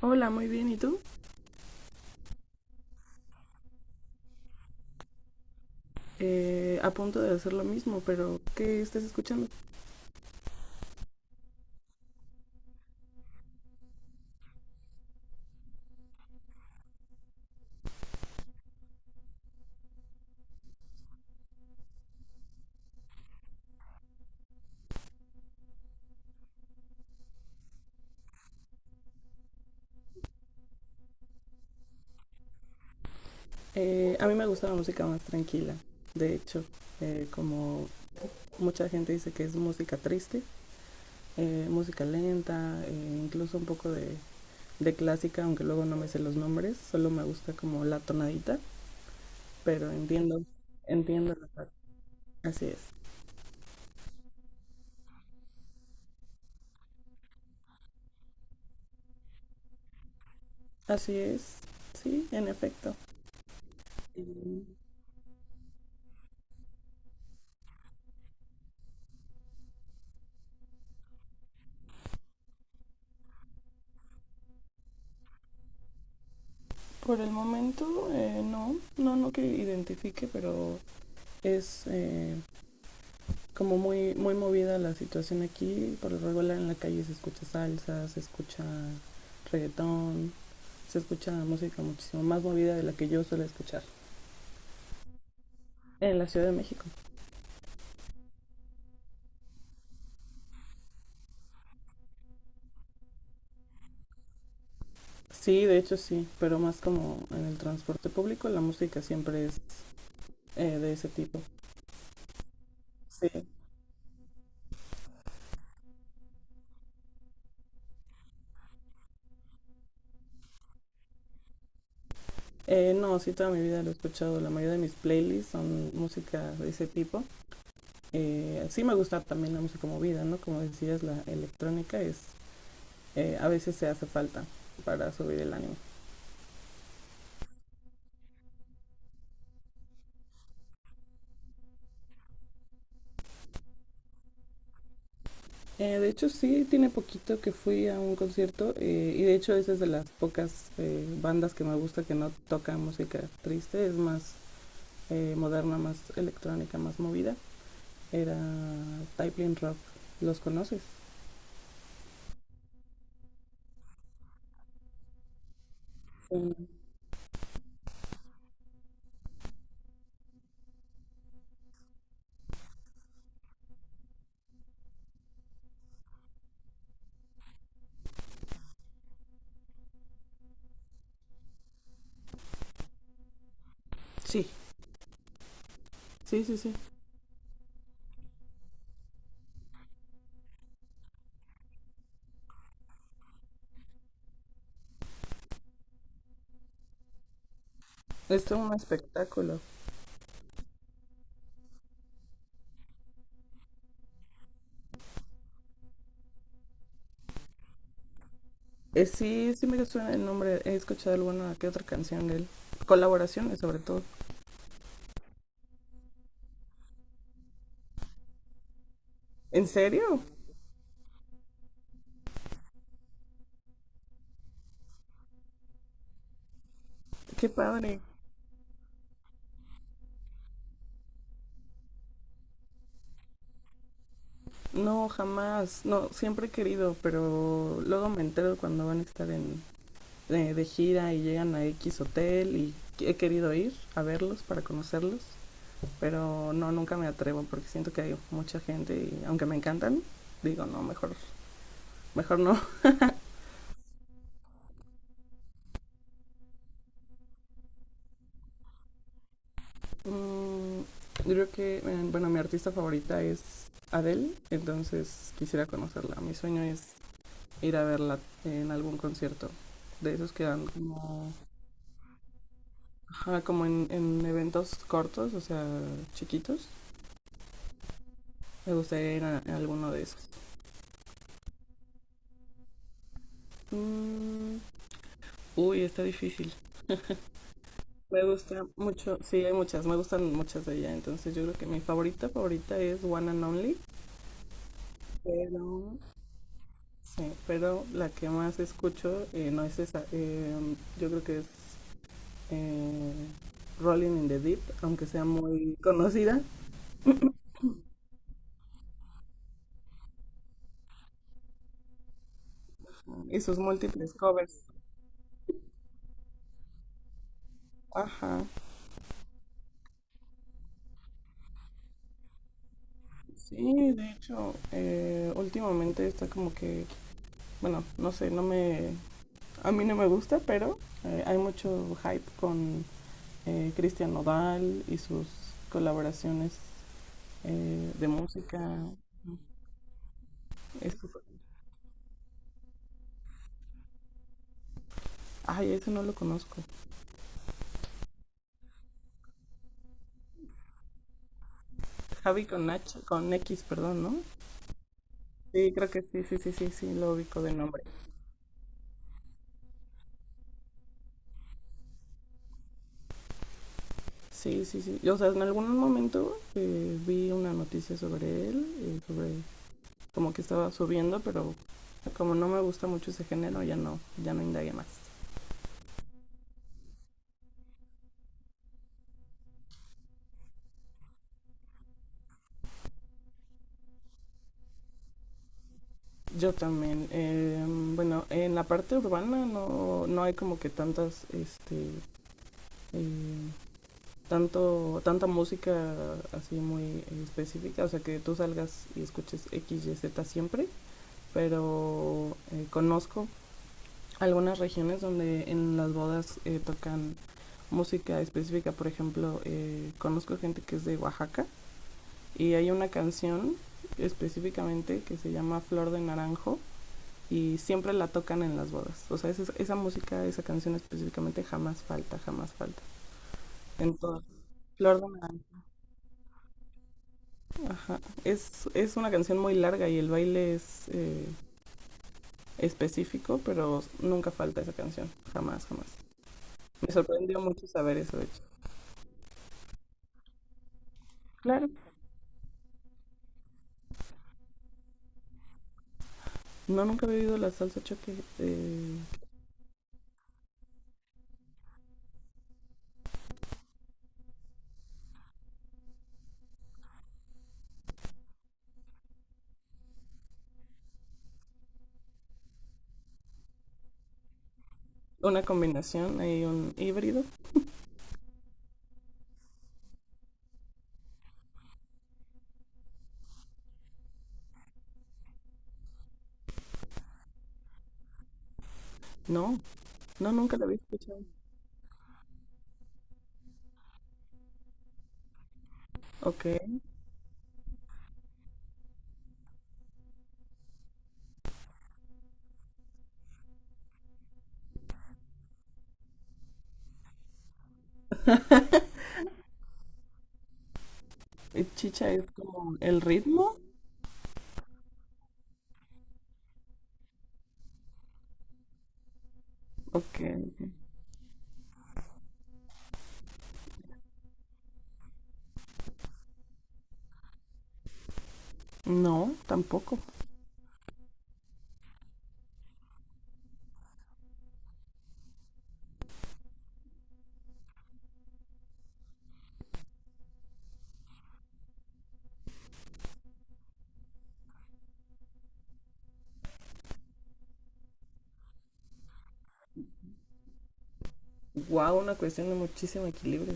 Hola, muy bien. ¿Y tú? A punto de hacer lo mismo, pero ¿qué estás escuchando? A mí me gusta la música más tranquila. De hecho, como mucha gente dice que es música triste, música lenta, incluso un poco de clásica, aunque luego no me sé los nombres, solo me gusta como la tonadita, pero entiendo la parte. Así es, así es, sí, en efecto. Por el momento, no, no, no que identifique, pero es, como muy, muy movida la situación aquí. Por lo regular en la calle se escucha salsa, se escucha reggaetón, se escucha música muchísimo más movida de la que yo suelo escuchar en la Ciudad de México. Sí, de hecho sí, pero más como en el transporte público la música siempre es, de ese tipo. Sí. No, sí, toda mi vida lo he escuchado. La mayoría de mis playlists son música de ese tipo. Sí me gusta también la música movida, ¿no? Como decías, la electrónica es, a veces se hace falta para subir el ánimo. De hecho, sí, tiene poquito que fui a un concierto, y de hecho esa es de las pocas bandas que me gusta que no toca música triste, es más moderna, más electrónica, más movida. Era Typling Rock, ¿los conoces? Um, Sí, sí, sí, sí. Es todo un espectáculo. Sí, sí me suena el nombre, he escuchado alguna que otra canción de él. Colaboraciones sobre todo. ¿En serio? Qué padre. No, jamás. No, siempre he querido, pero luego me entero cuando van a estar en, de gira y llegan a X hotel y he querido ir a verlos para conocerlos, pero no, nunca me atrevo porque siento que hay mucha gente y aunque me encantan, digo, no, mejor, mejor no. Mm, yo creo que, bueno, mi artista favorita es Adele, entonces quisiera conocerla. Mi sueño es ir a verla en algún concierto, de esos que dan como, ajá, como en eventos cortos, o sea, chiquitos. Me gustaría ir a alguno de esos. Mm, uy, está difícil. Me gusta mucho, sí, hay muchas, me gustan muchas de ella. Entonces yo creo que mi favorita, favorita es One and Only. Pero, sí, pero la que más escucho no es esa. Yo creo que es eh, Rolling in the Deep, aunque sea muy conocida. Y sus múltiples covers. Ajá. Sí, de hecho, últimamente está como que, bueno, no sé, no me, a mí no me gusta, pero hay mucho hype con Cristian Nodal y sus colaboraciones de música. Eso- ay, eso no lo conozco. Javi con H, con X, perdón, ¿no? Sí, creo que sí, sí, sí, sí, sí, lo ubico de nombre. Sí, sí, sí. Y, o sea, en algún momento vi una noticia sobre él, sobre como que estaba subiendo, pero como no me gusta mucho ese género, ya no indagué más. Yo también, bueno, en la parte urbana no, no hay como que tantas, este, eh, tanta música así muy específica, o sea que tú salgas y escuches X, Y, Z siempre, pero conozco algunas regiones donde en las bodas tocan música específica, por ejemplo, conozco gente que es de Oaxaca. Y hay una canción específicamente que se llama Flor de Naranjo y siempre la tocan en las bodas. O sea, esa música, esa canción específicamente jamás falta, jamás falta. Entonces, Flor de Naranjo. Es una canción muy larga y el baile es específico, pero nunca falta esa canción, jamás, jamás. Me sorprendió mucho saber eso, de hecho. Claro, no, nunca he oído la salsa choque. Una combinación, hay un híbrido. No, no, nunca la había escuchado. Ok. Chicha es como el ritmo. Ok. No, tampoco. Wow, una cuestión de muchísimo equilibrio.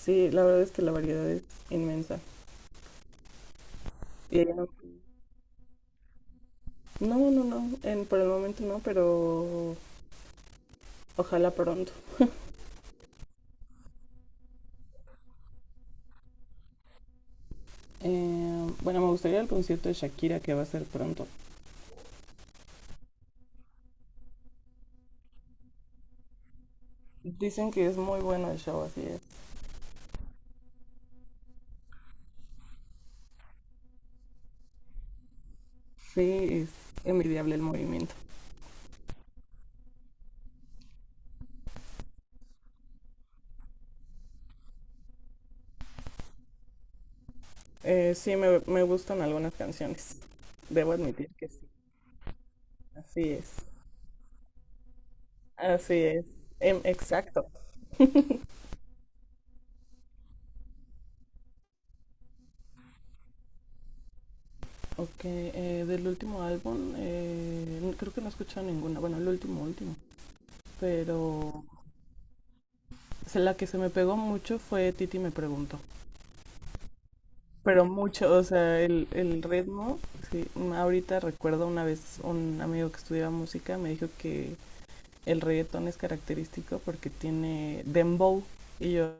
Sí, la verdad es que la variedad es inmensa. Y ahí no, no, no, no, por el momento no, pero ojalá pronto. Bueno, me gustaría el concierto de Shakira que va a ser pronto. Dicen que es muy bueno el show, así es. Sí, es envidiable el movimiento. Sí, me gustan algunas canciones. Debo admitir que sí, así es. Así es, exacto. Ok, del último álbum, creo que no he escuchado ninguna, bueno, el último, último, pero o sea, la que se me pegó mucho fue Titi me preguntó, pero mucho, o sea, el ritmo, sí, ahorita recuerdo una vez un amigo que estudiaba música me dijo que el reggaetón es característico porque tiene dembow, y yo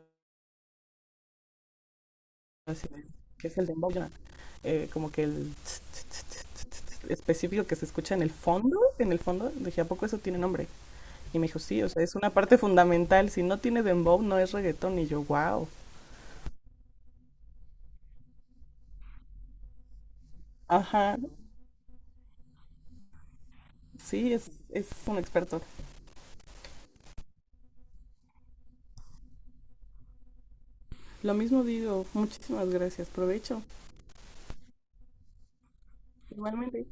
así, ¿qué es el dembow? Como que el tss, tss, tss, tss, tss, específico que se escucha en el fondo, dije, ¿a poco eso tiene nombre? Y me dijo, sí, o sea, es una parte fundamental, si no tiene dembow no es reggaetón, y yo, wow, ajá, sí, es un experto. Lo mismo digo, muchísimas gracias, provecho. Igualmente.